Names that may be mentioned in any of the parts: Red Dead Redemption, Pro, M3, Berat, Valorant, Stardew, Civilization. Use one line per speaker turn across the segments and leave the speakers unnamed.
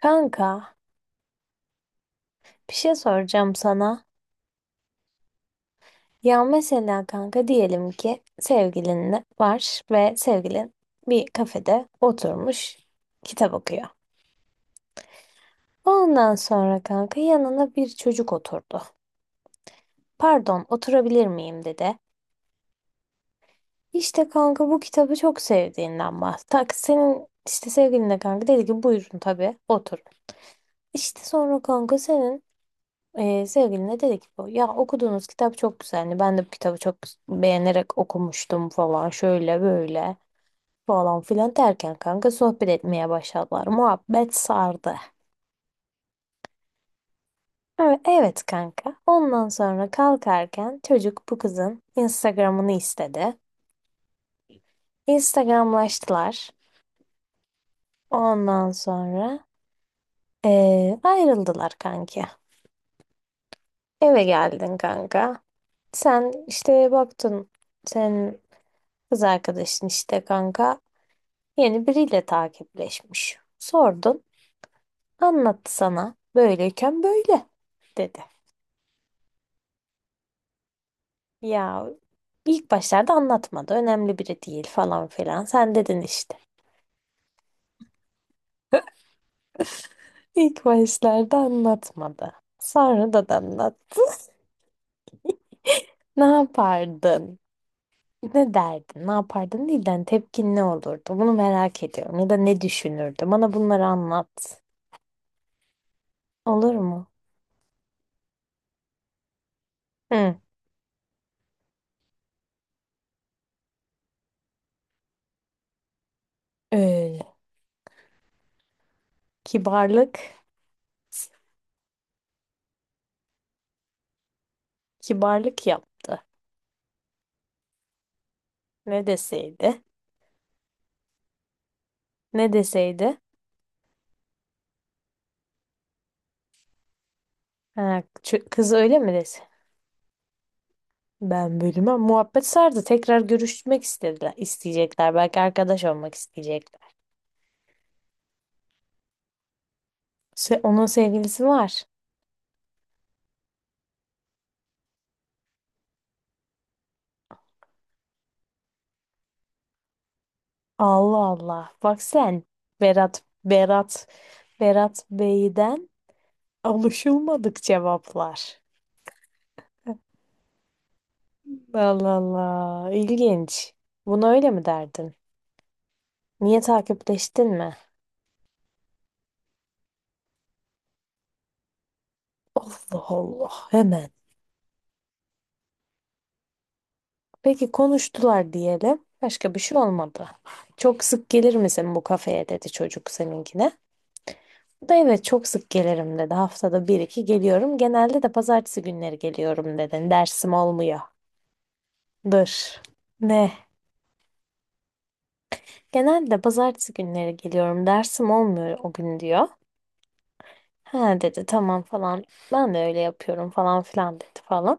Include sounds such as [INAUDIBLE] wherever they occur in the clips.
Kanka, bir şey soracağım sana. Ya mesela kanka diyelim ki sevgilin var ve sevgilin bir kafede oturmuş kitap okuyor. Ondan sonra kanka yanına bir çocuk oturdu. Pardon, oturabilir miyim dedi. İşte kanka bu kitabı çok sevdiğinden bahsetti. Senin işte sevgilin de kanka dedi ki buyurun tabii otur. İşte sonra kanka senin sevgiline dedi ki bu ya okuduğunuz kitap çok güzeldi. Ben de bu kitabı çok beğenerek okumuştum falan şöyle böyle falan filan derken kanka sohbet etmeye başladılar. Muhabbet sardı. Evet, evet kanka. Ondan sonra kalkarken çocuk bu kızın Instagram'ını istedi. Instagramlaştılar. Ondan sonra ayrıldılar kanki. Eve geldin kanka. Sen işte baktın senin kız arkadaşın işte kanka yeni biriyle takipleşmiş. Sordun, anlattı sana. Böyleyken böyle dedi. Ya ilk başlarda anlatmadı. Önemli biri değil falan filan. Sen dedin işte. İlk başlarda anlatmadı. Sonra da anlattı. [LAUGHS] Ne yapardın? Ne derdin? Ne yapardın değil de hani tepkin ne olurdu? Bunu merak ediyorum. Ya da ne düşünürdü? Bana bunları anlat. Olur mu? Hı. Öyle. Kibarlık. Kibarlık yaptı. Ne deseydi? Ne deseydi? Ha, ç- kız öyle mi dese? Ben bölüme muhabbet sardı. Tekrar görüşmek istediler, isteyecekler. Belki arkadaş olmak isteyecekler. Se- onun sevgilisi var. Allah Allah. Bak sen. Berat, Berat, Berat Bey'den alışılmadık cevaplar. Allah Allah. İlginç. Bunu öyle mi derdin? Niye takipleştin mi? Allah Allah. Hemen. Peki konuştular diyelim. Başka bir şey olmadı. Çok sık gelir misin bu kafeye dedi çocuk seninkine. O da evet çok sık gelirim dedi. Haftada bir iki geliyorum. Genelde de pazartesi günleri geliyorum dedi. Dersim olmuyor. Dur. Ne? Genelde pazartesi günleri geliyorum. Dersim olmuyor o gün diyor. Ha dedi tamam falan. Ben de öyle yapıyorum falan filan dedi falan.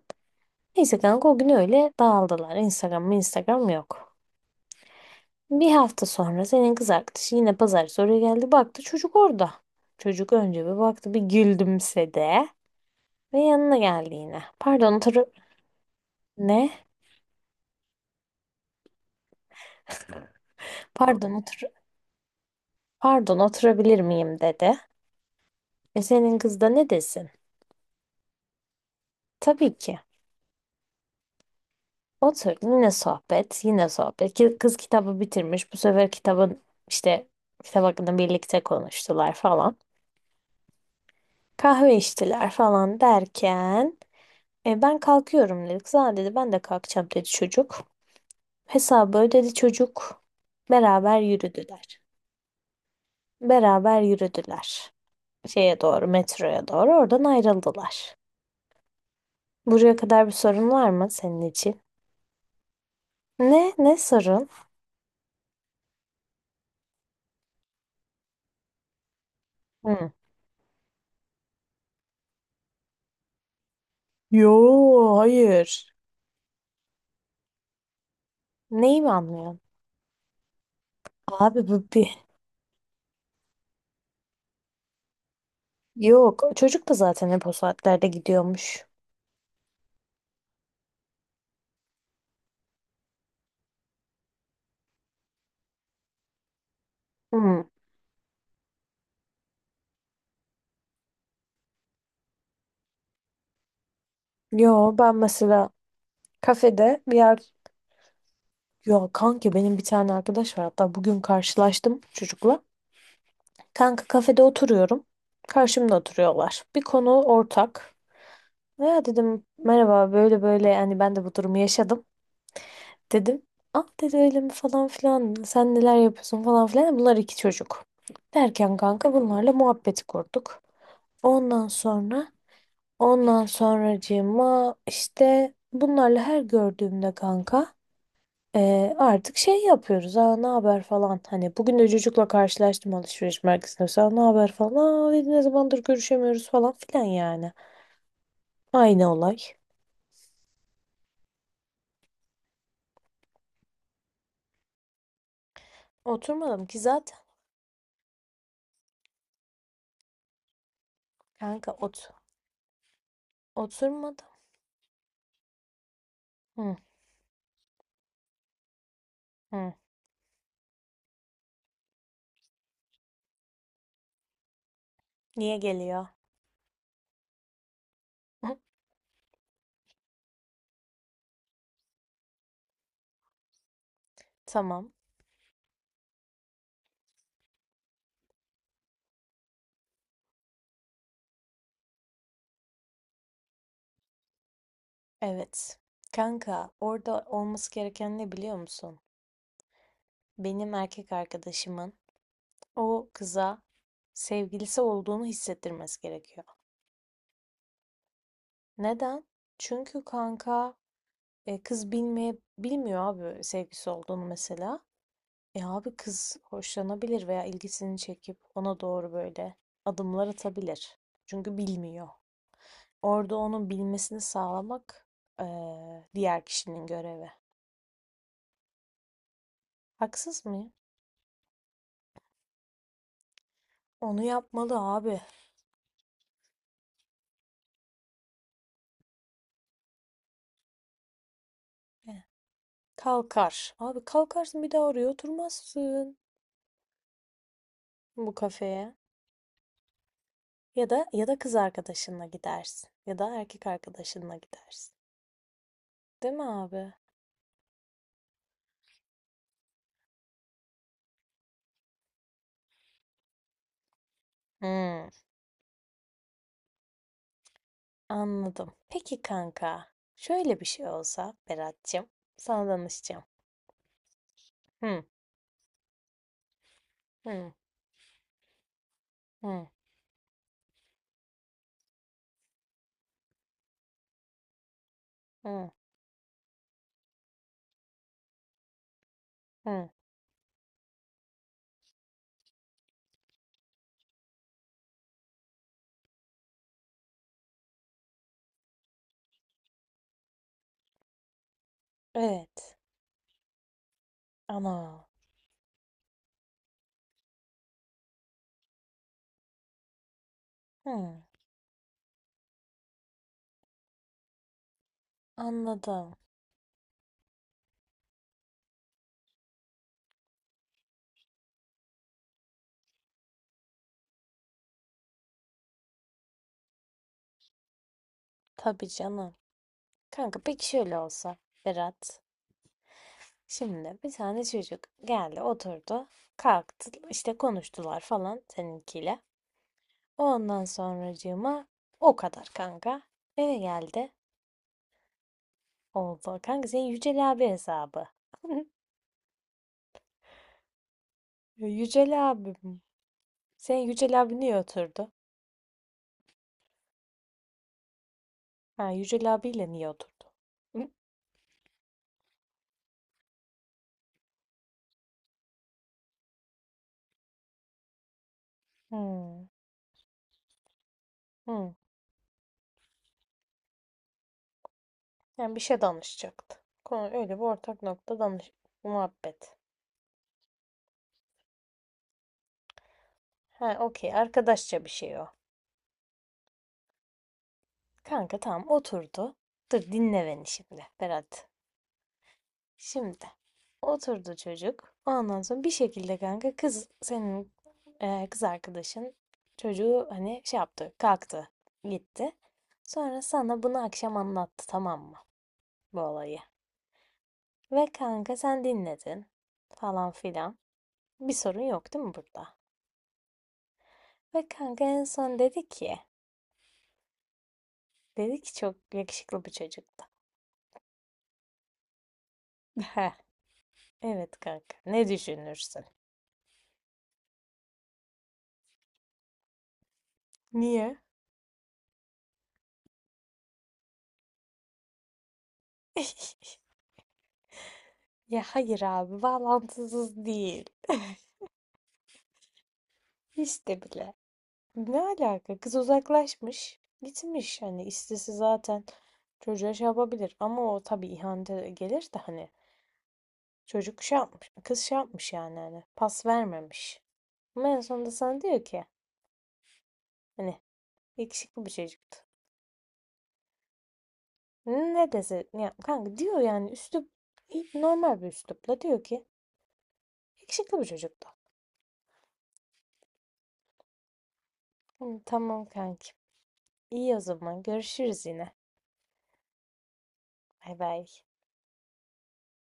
Neyse kanka o gün öyle dağıldılar. Instagram mı Instagram yok. Bir hafta sonra senin kız arkadaşı yine pazartesi oraya geldi. Baktı çocuk orada. Çocuk önce bir baktı bir gülümsedi ve yanına geldi yine. Pardon otur ne? Pardon pardon oturabilir miyim dedi. E senin kız da ne desin? Tabii ki. Otur yine sohbet yine sohbet. Kız kitabı bitirmiş. Bu sefer kitabın işte kitap hakkında birlikte konuştular falan. Kahve içtiler falan derken ben kalkıyorum dedi. Kız "Aa," dedi ben de kalkacağım dedi çocuk. Hesabı ödedi çocuk. Beraber yürüdüler. Beraber yürüdüler. Şeye doğru, metroya doğru oradan ayrıldılar. Buraya kadar bir sorun var mı senin için? Ne? Ne sorun? Hı. Yo, hayır. Neyi mi anlıyorsun? Abi bu bir... Yok, çocuk da zaten hep o saatlerde gidiyormuş. Hı. Yo, ben mesela kafede bir yer... Ya kanki benim bir tane arkadaş var. Hatta bugün karşılaştım çocukla. Kanka kafede oturuyorum. Karşımda oturuyorlar. Bir konu ortak. Ya dedim merhaba böyle böyle yani ben de bu durumu yaşadım. Dedim. Ah dedi öyle mi falan filan. Sen neler yapıyorsun falan filan. Bunlar iki çocuk. Derken kanka bunlarla muhabbeti kurduk. Ondan sonra ondan sonracığıma işte bunlarla her gördüğümde kanka artık şey yapıyoruz. Aa ne haber falan. Hani bugün de çocukla karşılaştım alışveriş merkezinde. Mesela ne haber falan. Aa dedi, ne zamandır görüşemiyoruz falan filan yani. Aynı olay. Oturmadım ki zaten. Kanka ot. Oturmadım. Hı, hı. Niye geliyor? [LAUGHS] Tamam. Evet. Kanka orada olması gereken ne biliyor musun? Benim erkek arkadaşımın o kıza sevgilisi olduğunu hissettirmesi gerekiyor. Neden? Çünkü kanka E, kız bilmeye bilmiyor abi sevgisi olduğunu mesela. E abi kız hoşlanabilir veya ilgisini çekip ona doğru böyle adımlar atabilir. Çünkü bilmiyor. Orada onun bilmesini sağlamak e, diğer kişinin görevi. Haksız mıyım? Onu yapmalı abi. Eh, kalkar. Abi kalkarsın bir daha oraya oturmazsın bu kafeye. Ya da ya da kız arkadaşınla gidersin. Ya da erkek arkadaşınla gidersin. Değil mi abi? Hmm. Anladım. Peki kanka, şöyle bir şey olsa Berat'cığım, sana danışacağım. Hı, hı, hı, hı, hı. Evet. Ana. Hı, anladım. Tabii canım. Kanka peki şöyle olsa Berat. Şimdi bir tane çocuk geldi oturdu. Kalktı işte konuştular falan seninkiyle. Ondan sonracığıma o kadar kanka. Eve geldi. Oldu. Kanka senin Yücel abi hesabı. [LAUGHS] Yücel abim. Sen Yücel abi niye oturdu? Ha, Yücel abiyle niye oturdu? Hı? Hmm. Hmm. Yani bir şey danışacaktı. Konu öyle bir ortak nokta danış muhabbet. Ha, okey. Arkadaşça bir şey o. Kanka tamam oturdu. Dur dinle beni şimdi Berat. Şimdi oturdu çocuk. Ondan sonra bir şekilde kanka kız senin kız arkadaşın çocuğu hani şey yaptı, kalktı, gitti. Sonra sana bunu akşam anlattı tamam mı? Bu olayı. Ve kanka sen dinledin falan filan. Bir sorun yok değil mi burada? Ve kanka en son dedi ki, dedi ki çok yakışıklı bir çocuktu. [LAUGHS] Heh, evet kanka ne düşünürsün? Niye? [LAUGHS] Ya hayır abi bağlantısız değil. Hiç de bile. Ne alaka? Kız uzaklaşmış. Gitmiş hani istese zaten çocuğa şey yapabilir. Ama o tabii ihanete gelir de hani çocuk şey yapmış, kız şey yapmış yani hani pas vermemiş. Ama en sonunda sana diyor ki hani yakışıklı bir çocuktu. Ne dese ya kanka diyor yani üslup normal bir üslupla diyor ki yakışıklı bir çocuktu. Hı, tamam kanki. İyi o zaman görüşürüz yine. Bay bay.